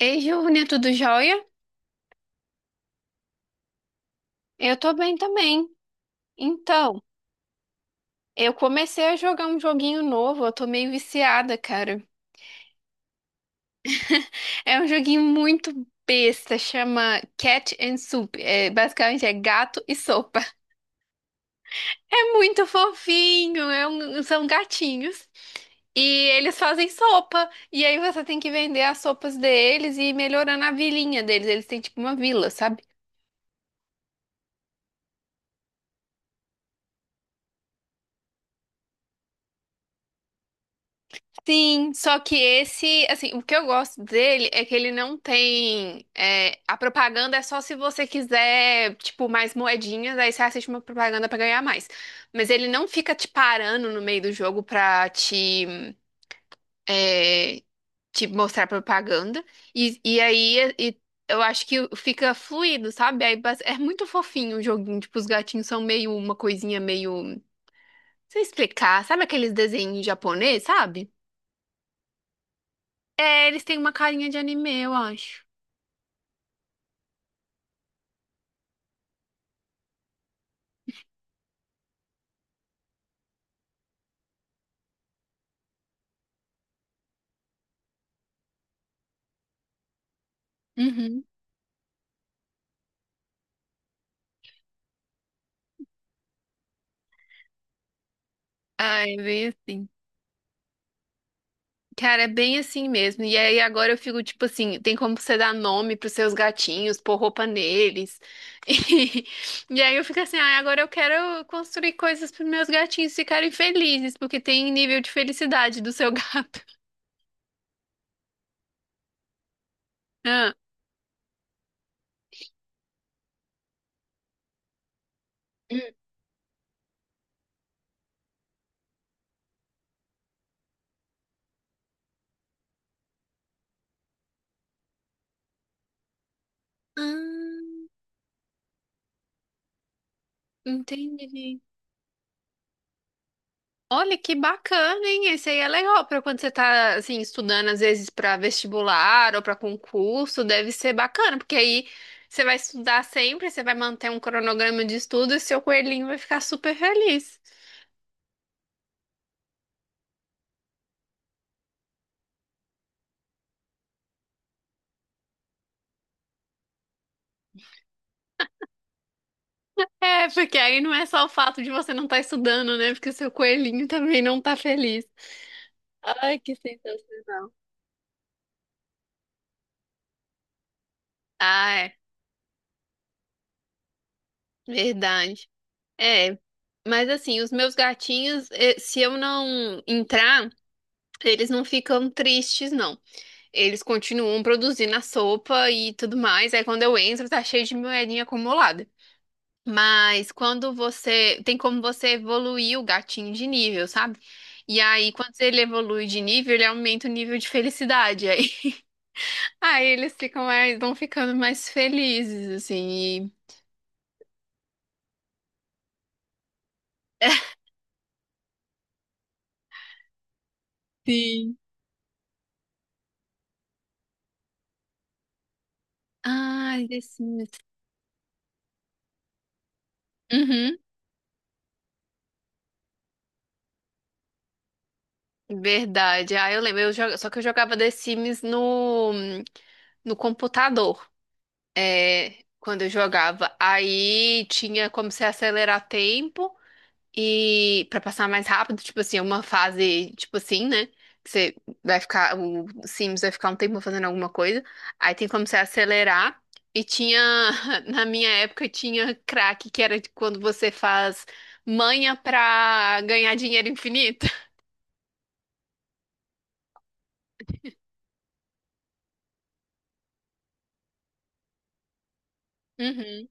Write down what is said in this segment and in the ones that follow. Ei, Giovana, tudo jóia? Eu tô bem também. Então, eu comecei a jogar um joguinho novo, eu tô meio viciada, cara. É um joguinho muito besta, chama Cat and Soup. É, basicamente é gato e sopa. É muito fofinho, são gatinhos. E eles fazem sopa. E aí você tem que vender as sopas deles e ir melhorando a vilinha deles. Eles têm tipo uma vila, sabe? Sim, só que esse, assim, o que eu gosto dele é que ele não tem. A propaganda é só se você quiser, tipo, mais moedinhas, aí você assiste uma propaganda pra ganhar mais. Mas ele não fica te parando no meio do jogo pra te, é, te mostrar propaganda. E aí eu acho que fica fluido, sabe? É muito fofinho o joguinho, tipo, os gatinhos são meio uma coisinha meio. Não sei explicar, sabe aqueles desenhos japonês, sabe? É, eles têm uma carinha de anime, eu acho. Uhum. Ah, é bem assim. Cara, é bem assim mesmo. E aí agora eu fico tipo assim, tem como você dar nome pros seus gatinhos, pôr roupa neles. E aí eu fico assim, ah, agora eu quero construir coisas pros meus gatinhos ficarem felizes, porque tem nível de felicidade do seu gato. Ah, hum, ah, entendi. Olha que bacana, hein? Esse aí é legal para quando você tá assim estudando às vezes para vestibular ou para concurso, deve ser bacana, porque aí você vai estudar sempre, você vai manter um cronograma de estudo e seu coelhinho vai ficar super feliz. É, porque aí não é só o fato de você não estar estudando, né? Porque seu coelhinho também não tá feliz. Ai, que sensacional. Ah, é, verdade. É. Mas assim, os meus gatinhos, se eu não entrar, eles não ficam tristes, não. Eles continuam produzindo a sopa e tudo mais. Aí quando eu entro, tá cheio de moedinha acumulada. Mas quando você. Tem como você evoluir o gatinho de nível, sabe? E aí, quando ele evolui de nível, ele aumenta o nível de felicidade. Aí, aí eles ficam mais, vão ficando mais felizes, assim. E... Sim. Ai, The Sims. Uhum. Verdade. Ah, eu lembro. Só que eu jogava The Sims no computador. Quando eu jogava. Aí tinha como você acelerar tempo e para passar mais rápido, tipo assim, é uma fase, tipo assim, né? Que você vai ficar, o Sims vai ficar um tempo fazendo alguma coisa. Aí tem como você acelerar. E tinha, na minha época, tinha crack, que era de quando você faz manha pra ganhar dinheiro infinito. Uhum.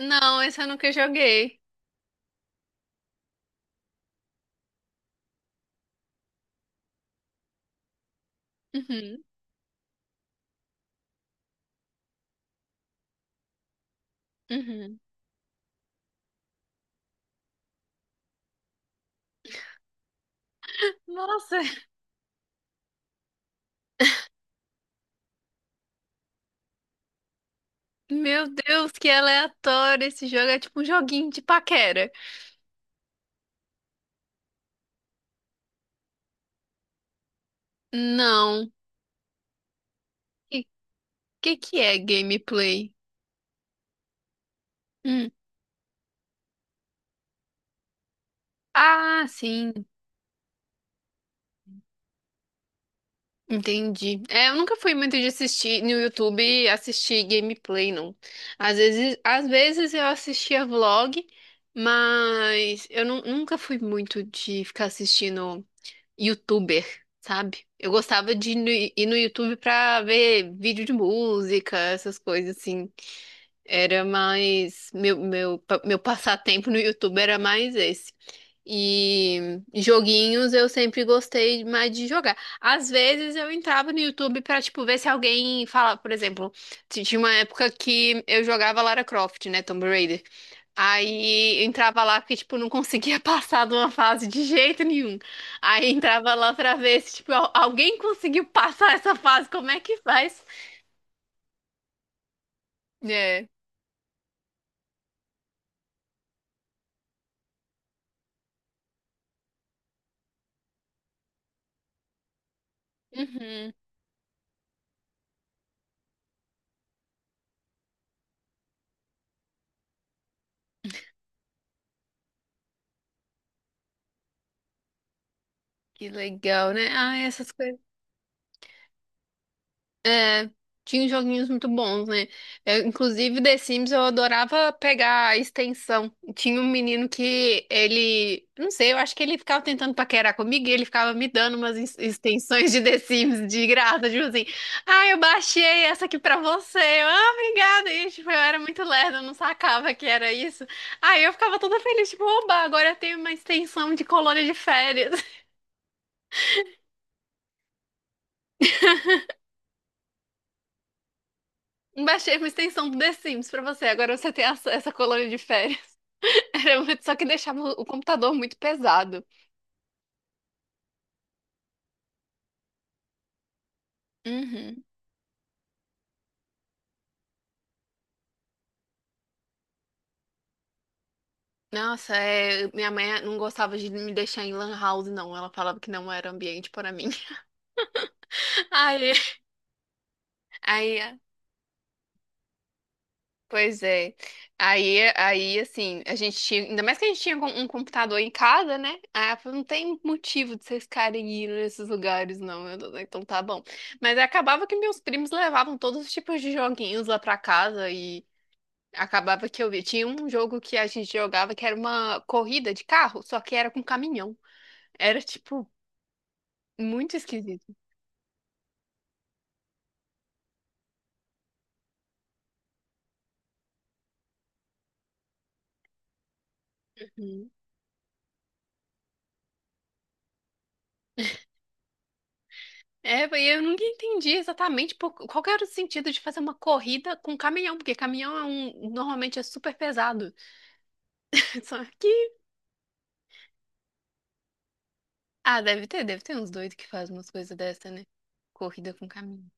Não, esse eu nunca joguei. Uhum. Uhum. Nossa, meu Deus, que aleatório. Esse jogo é tipo um joguinho de paquera. Não. Que que é gameplay? Hum. Ah, sim. Entendi. É, eu nunca fui muito de assistir no YouTube assistir gameplay, não. Às vezes eu assistia vlog, mas nunca fui muito de ficar assistindo YouTuber, sabe? Eu gostava de ir no YouTube pra ver vídeo de música, essas coisas assim. Era mais. Meu passatempo no YouTube era mais esse. E joguinhos eu sempre gostei mais de jogar. Às vezes eu entrava no YouTube pra, tipo, ver se alguém falava, por exemplo, tinha uma época que eu jogava Lara Croft, né, Tomb Raider. Aí eu entrava lá porque, tipo, não conseguia passar de uma fase de jeito nenhum. Aí entrava lá pra ver se, tipo, alguém conseguiu passar essa fase, como é que faz? É. Uhum. Que legal, né? Ah, essas coisas. Tinha joguinhos muito bons, né? Eu, inclusive, The Sims eu adorava pegar a extensão. Tinha um menino que ele, não sei, eu acho que ele ficava tentando paquerar comigo e ele ficava me dando umas extensões de The Sims de graça, tipo assim, ah, eu baixei essa aqui pra você. Eu, ah, obrigada. E, tipo, eu era muito lerda, eu não sacava que era isso. Aí eu ficava toda feliz, tipo, oba, agora eu tenho uma extensão de colônia de férias. Baixei uma extensão do The Sims pra você. Agora você tem essa colônia de férias. Era muito- só que deixava o computador muito pesado. Uhum. Nossa, é, minha mãe não gostava de me deixar em lan house, não. Ela falava que não era ambiente para mim. Aí, aí, pois é. Aí, assim, a gente tinha, ainda mais que a gente tinha um computador em casa, né? Aí ela falou, não tem motivo de vocês ficarem indo nesses lugares, não. Eu, falei, então tá bom. Mas acabava que meus primos levavam todos os tipos de joguinhos lá pra casa e acabava que eu vi. Tinha um jogo que a gente jogava que era uma corrida de carro, só que era com caminhão. Era, tipo, muito esquisito. Uhum. É, e eu nunca entendi exatamente qual que era o sentido de fazer uma corrida com caminhão, porque caminhão é um, normalmente é super pesado. Só que, ah, deve ter uns doidos que fazem umas coisas dessa, né? Corrida com caminhão.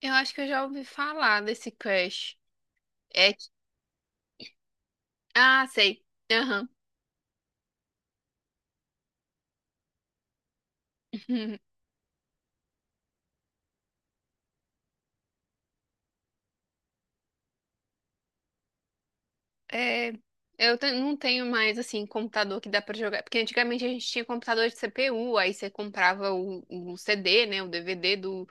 Eu acho que eu já ouvi falar desse Crash. É, que- ah, sei. Aham. É, não tenho mais, assim, computador que dá pra jogar. Porque antigamente a gente tinha computador de CPU, aí você comprava o CD, né? O DVD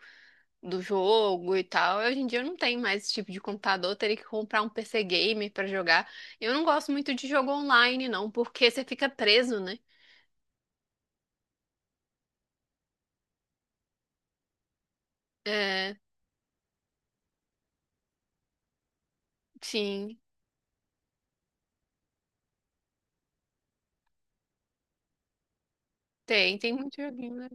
do jogo e tal. Hoje em dia eu não tenho mais esse tipo de computador, eu teria que comprar um PC gamer pra jogar. Eu não gosto muito de jogo online, não, porque você fica preso, né? É, sim, tem muito joguinho, né?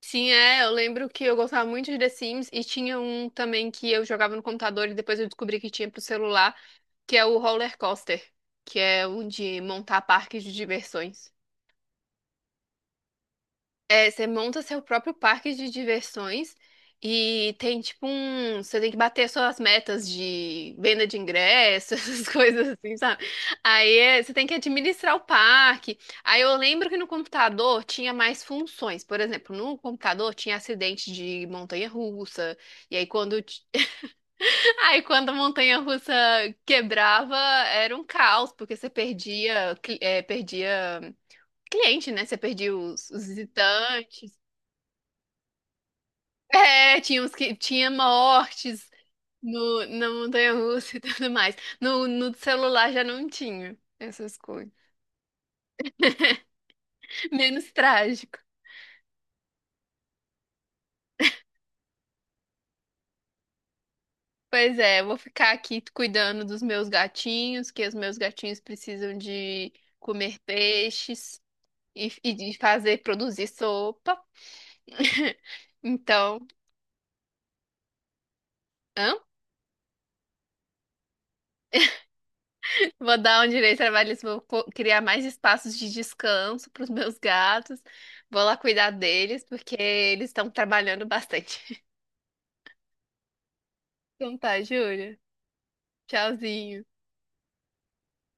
Sim, é, eu lembro que eu gostava muito de The Sims e tinha um também que eu jogava no computador e depois eu descobri que tinha pro celular. Que é o roller coaster, que é o de montar parques de diversões. É, você monta seu próprio parque de diversões e tem tipo um. Você tem que bater suas metas de venda de ingressos, essas coisas assim, sabe? Aí é, você tem que administrar o parque. Aí eu lembro que no computador tinha mais funções. Por exemplo, no computador tinha acidente de montanha-russa. E aí quando t- Aí quando a montanha-russa quebrava, era um caos, porque você perdia, perdia cliente, né? Você perdia os visitantes. É, tinha uns que tinha mortes no, na montanha-russa e tudo mais. No celular já não tinha essas coisas. Menos trágico. Pois é, eu vou ficar aqui cuidando dos meus gatinhos, que os meus gatinhos precisam de comer peixes e de fazer produzir sopa. Então, hã? Vou dar um direito trabalhista, criar mais espaços de descanso para os meus gatos. Vou lá cuidar deles, porque eles estão trabalhando bastante. Então tá, Júlia. Tchauzinho.